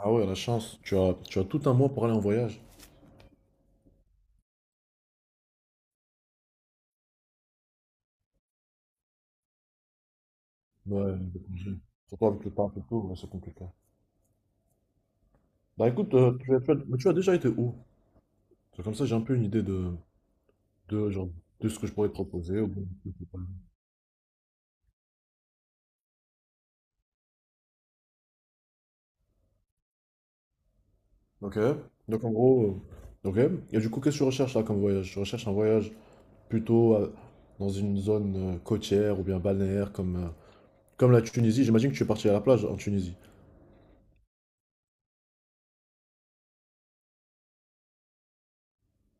Ah ouais, la chance. Tu as tout un mois pour aller en voyage. Ouais, de congé. Surtout avec le temps un peu tôt, ouais, c'est compliqué. Bah écoute, tu as, tu as déjà été où? C'est comme ça, j'ai un peu une idée de, genre, de ce que je pourrais te proposer, ou bien de ce que je pourrais- Ok, donc en gros, ok. Et du coup, qu'est-ce que tu recherches là comme voyage? Tu recherches un voyage plutôt dans une zone côtière ou bien balnéaire comme, comme la Tunisie. J'imagine que tu es parti à la plage en Tunisie.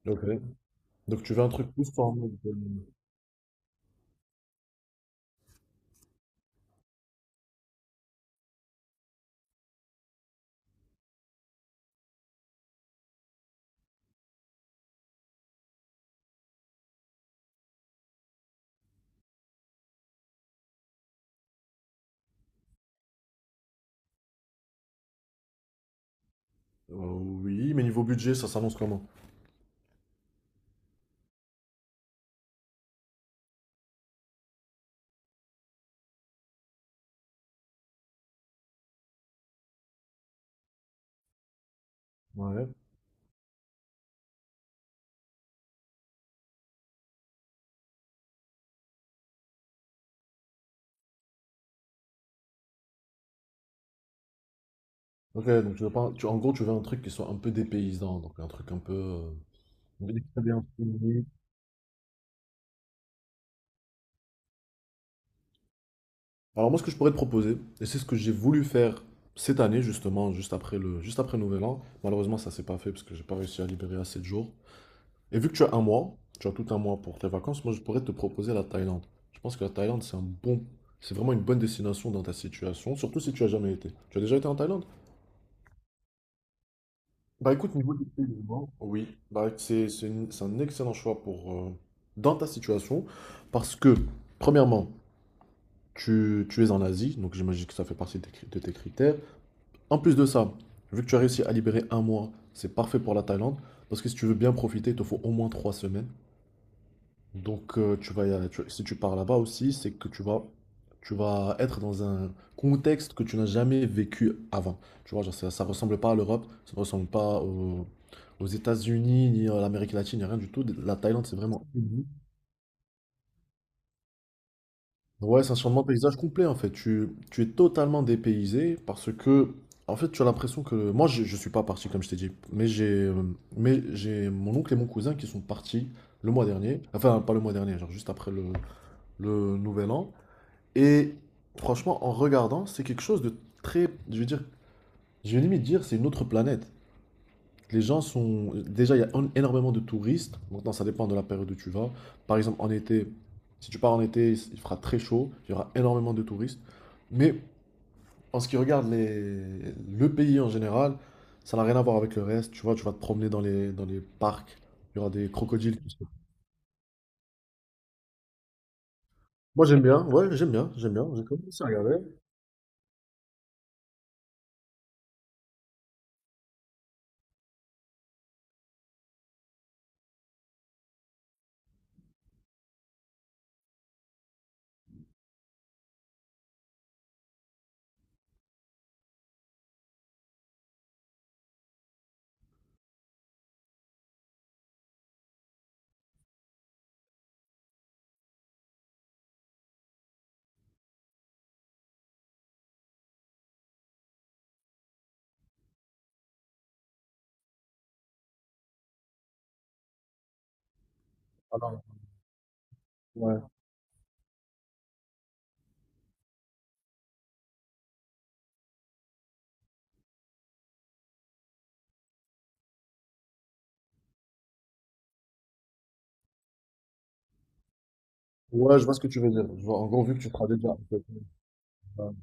Ok. Donc tu veux un truc plus en mode, oui, mais niveau budget, ça s'annonce comment? Ouais. Ok, donc tu veux pas, tu, en gros, tu veux un truc qui soit un peu dépaysant, donc un truc un peu. On va dire que ça vient un peu unique. Alors moi, ce que je pourrais te proposer, et c'est ce que j'ai voulu faire cette année justement, juste après le Nouvel An. Malheureusement, ça s'est pas fait parce que j'ai pas réussi à libérer assez de jours. Et vu que tu as un mois, tu as tout un mois pour tes vacances, moi, je pourrais te proposer la Thaïlande. Je pense que la Thaïlande, c'est un bon, c'est vraiment une bonne destination dans ta situation, surtout si tu as jamais été. Tu as déjà été en Thaïlande? Bah écoute, niveau des paiements, oui, bah, c'est une- c'est un excellent choix pour, dans ta situation, parce que, premièrement, tu es en Asie, donc j'imagine que ça fait partie de tes, cri- de tes critères. En plus de ça, vu que tu as réussi à libérer un mois, c'est parfait pour la Thaïlande, parce que si tu veux bien profiter, il te faut au moins trois semaines. Donc, tu vas, y aller- tu- si tu pars là-bas aussi, c'est que tu vas être dans un contexte que tu n'as jamais vécu avant. Tu vois, genre, ça ressemble pas à l'Europe, ça ne ressemble pas au- aux États-Unis, ni à l'Amérique latine, ni rien du tout. La Thaïlande, c'est vraiment... Mhm. Ouais, c'est un changement de paysage complet, en fait. Tu es totalement dépaysé parce que, en fait, tu as l'impression que... Moi, je ne suis pas parti, comme je t'ai dit, mais j'ai mon oncle et mon cousin qui sont partis le mois dernier. Enfin, pas le mois dernier, genre juste après le Nouvel An. Et franchement, en regardant, c'est quelque chose de très, je veux dire, je vais limite dire, c'est une autre planète. Les gens sont, déjà, il y a en- énormément de touristes. Maintenant, ça dépend de la période où tu vas. Par exemple, en été, si tu pars en été, il fera très chaud, il y aura énormément de touristes. Mais en ce qui regarde les- le pays en général, ça n'a rien à voir avec le reste. Tu vois, tu vas te promener dans les parcs, il y aura des crocodiles. Moi, j'aime bien, ouais, j'aime bien, j'aime bien. J'ai commencé à regarder. Alors, ouais. Ouais, je vois ce que tu veux dire. Je vois, en gros, vu que tu feras déjà. Ouais,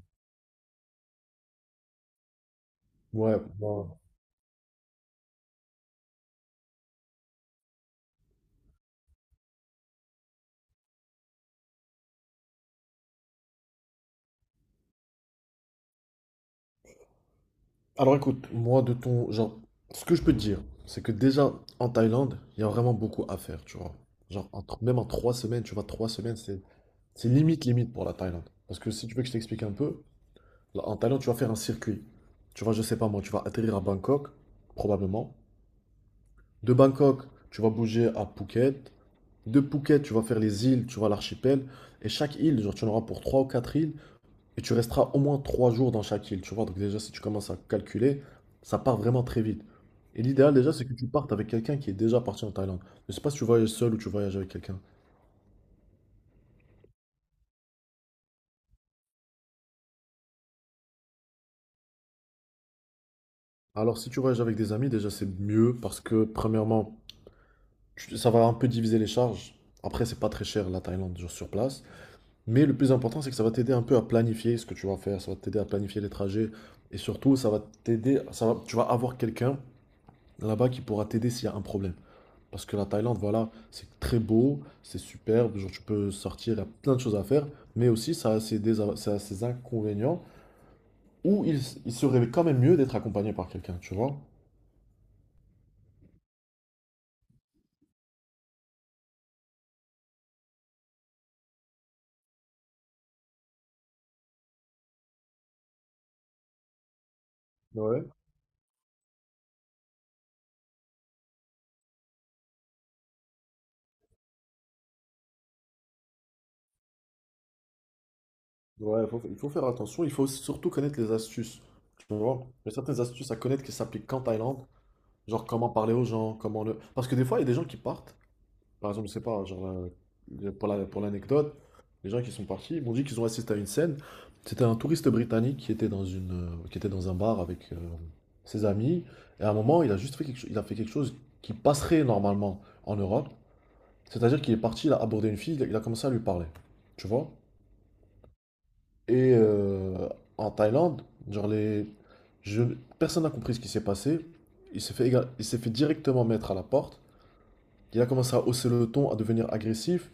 ouais, bah. Alors écoute, moi de ton genre, ce que je peux te dire, c'est que déjà en Thaïlande, il y a vraiment beaucoup à faire, tu vois. Genre, en tr- même en trois semaines, tu vois, trois semaines, c'est limite limite pour la Thaïlande. Parce que si tu veux que je t'explique un peu, là, en Thaïlande, tu vas faire un circuit. Tu vois, je sais pas moi, tu vas atterrir à Bangkok, probablement. De Bangkok, tu vas bouger à Phuket. De Phuket, tu vas faire les îles, tu vois, l'archipel. Et chaque île, genre, tu en auras pour trois ou quatre îles. Et tu resteras au moins trois jours dans chaque île, tu vois. Donc déjà, si tu commences à calculer, ça part vraiment très vite. Et l'idéal déjà, c'est que tu partes avec quelqu'un qui est déjà parti en Thaïlande. Je sais pas si tu voyages seul ou tu voyages avec quelqu'un. Alors si tu voyages avec des amis, déjà c'est mieux parce que premièrement, tu- ça va un peu diviser les charges. Après, c'est pas très cher la Thaïlande genre, sur place. Mais le plus important, c'est que ça va t'aider un peu à planifier ce que tu vas faire. Ça va t'aider à planifier les trajets. Et surtout, ça va t'aider, ça va, tu vas avoir quelqu'un là-bas qui pourra t'aider s'il y a un problème. Parce que la Thaïlande, voilà, c'est très beau, c'est superbe, genre tu peux sortir, il y a plein de choses à faire, mais aussi ça a ses, désa- ça a ses inconvénients où il, s- il serait quand même mieux d'être accompagné par quelqu'un, tu vois? Ouais, ouais, faut- il faut faire attention, il faut surtout connaître les astuces, tu vois? Il y a certaines astuces à connaître qui s'appliquent qu'en Thaïlande, genre comment parler aux gens, comment le... Parce que des fois, il y a des gens qui partent. Par exemple, je sais pas, hein, genre, pour la- pour l'anecdote, les gens qui sont partis m'ont dit qu'ils ont assisté à une scène. C'était un touriste britannique qui était dans une, qui était dans un bar avec ses amis. Et à un moment, il a juste fait quelque, cho- il a fait quelque chose qui passerait normalement en Europe. C'est-à-dire qu'il est parti, il a abordé une fille, il a commencé à lui parler. Tu vois? Et euh, En Thaïlande, genre les, je- personne n'a compris ce qui s'est passé. Il s'est fait, éga- il s'est fait directement mettre à la porte. Il a commencé à hausser le ton, à devenir agressif.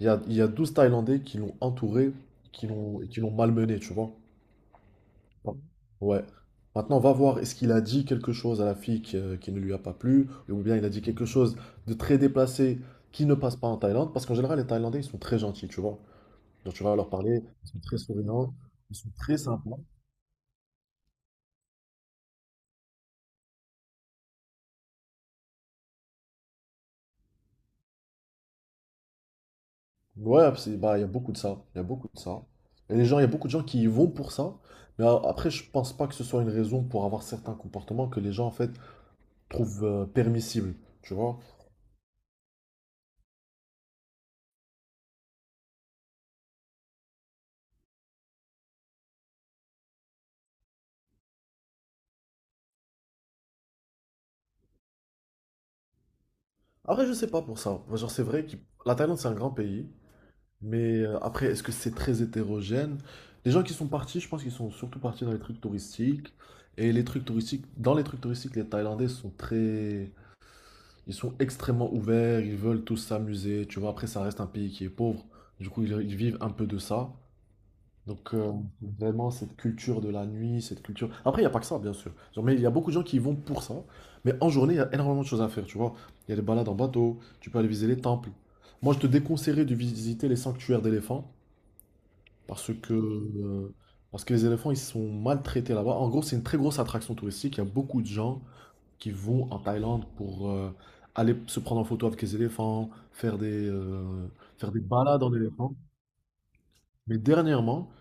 Il y a 12 Thaïlandais qui l'ont entouré, qui l'ont, et qui l'ont malmené, tu vois. Bon, ouais. Maintenant, va voir, est-ce qu'il a dit quelque chose à la fille qui ne lui a pas plu, ou bien il a dit quelque chose de très déplacé qui ne passe pas en Thaïlande, parce qu'en général, les Thaïlandais, ils sont très gentils, tu vois. Donc, tu vas leur parler, ils sont très souriants, ils sont très sympas. Ouais, c'est- bah, il y a beaucoup de ça, il y a beaucoup de ça. Et les gens, il y a beaucoup de gens qui y vont pour ça, mais après, je pense pas que ce soit une raison pour avoir certains comportements que les gens, en fait, trouvent permissibles, tu vois. Après, je sais pas pour ça. Moi, genre, c'est vrai que la Thaïlande, c'est un grand pays. Mais après, est-ce que c'est très hétérogène? Les gens qui sont partis, je pense qu'ils sont surtout partis dans les trucs touristiques. Et les trucs touristiques, dans les trucs touristiques, les Thaïlandais sont très. Ils sont extrêmement ouverts, ils veulent tous s'amuser. Tu vois, après, ça reste un pays qui est pauvre. Du coup, ils vivent un peu de ça. Donc euh, Vraiment cette culture de la nuit, cette culture... Après, il n'y a pas que ça, bien sûr. Genre, mais il y a beaucoup de gens qui y vont pour ça. Mais en journée, il y a énormément de choses à faire, tu vois. Il y a des balades en bateau, tu peux aller visiter les temples. Moi, je te déconseillerais de visiter les sanctuaires d'éléphants parce que, euh, parce que les éléphants, ils sont maltraités là-bas. En gros, c'est une très grosse attraction touristique. Il y a beaucoup de gens qui vont en Thaïlande pour aller se prendre en photo avec les éléphants, faire des balades en éléphant. Mais dernièrement,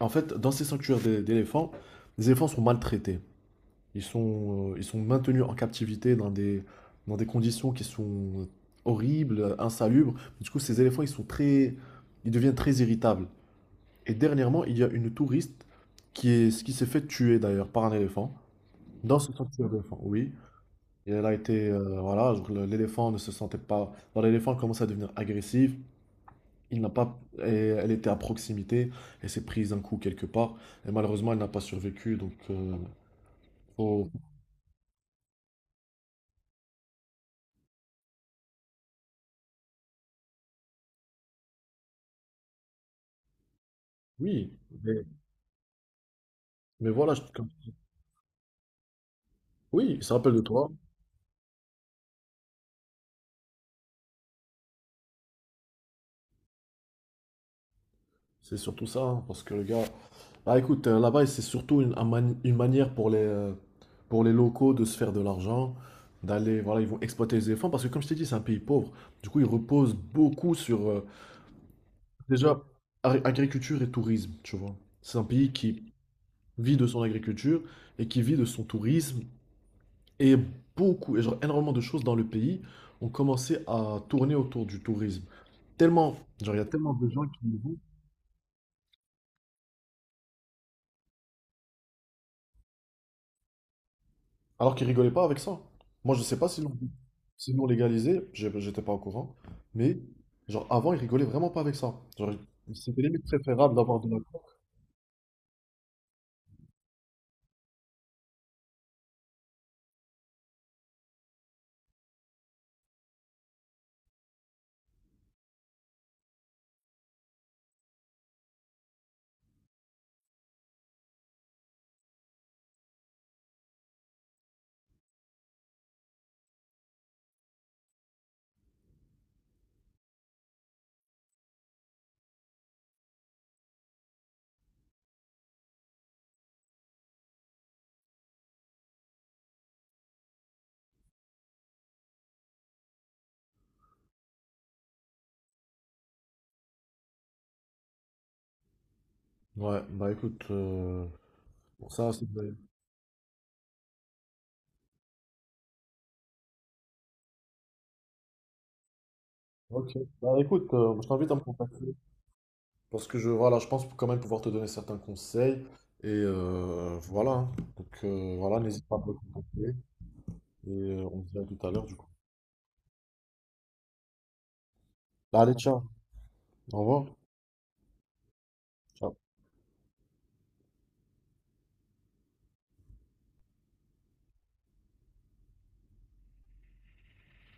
en fait, dans ces sanctuaires d'é- d'éléphants, les éléphants sont maltraités. Ils sont maintenus en captivité dans des conditions qui sont horribles, insalubres. Du coup, ces éléphants, ils sont très, ils deviennent très irritables. Et dernièrement, il y a une touriste qui est, qui s'est fait tuer d'ailleurs par un éléphant dans ce sanctuaire d'éléphants. Oui, et elle a été, voilà, genre, le- l'éléphant ne se sentait pas. Alors, l'éléphant commence à devenir agressif. Il n'a pas, et elle était à proximité, elle s'est prise un coup quelque part, et malheureusement elle n'a pas survécu, donc faut- oui, mais, mais voilà, je- comme- oui, il se rappelle de toi, c'est surtout ça, hein, parce que le gars, bah écoute, là-bas c'est surtout une, un mani- une manière pour les locaux de se faire de l'argent, d'aller, voilà, ils vont exploiter les éléphants, parce que comme je t'ai dit, c'est un pays pauvre, du coup ils reposent beaucoup sur, déjà, ar- agriculture et tourisme, tu vois, c'est un pays qui vit de son agriculture, et qui vit de son tourisme, et beaucoup, et genre énormément de choses dans le pays ont commencé à tourner autour du tourisme. Tellement, genre, il y a tellement de gens qui y vont, alors qu'ils rigolaient pas avec ça. Moi, je sais pas s'ils l'ont s'ils l'ont légalisé, j'ai- j'étais pas au courant, mais genre avant, ils rigolaient vraiment pas avec ça. Genre, c'était limite préférable d'avoir de la coke. Ouais, bah écoute, pour ça, c'est vrai. Ok, bah écoute, je t'invite à me contacter. Parce que je, voilà, je pense quand même pouvoir te donner certains conseils. Voilà, hein. Donc voilà, n'hésite pas à me contacter. On se dit à tout à l'heure, du coup. Allez, ciao. Au revoir. Ciao.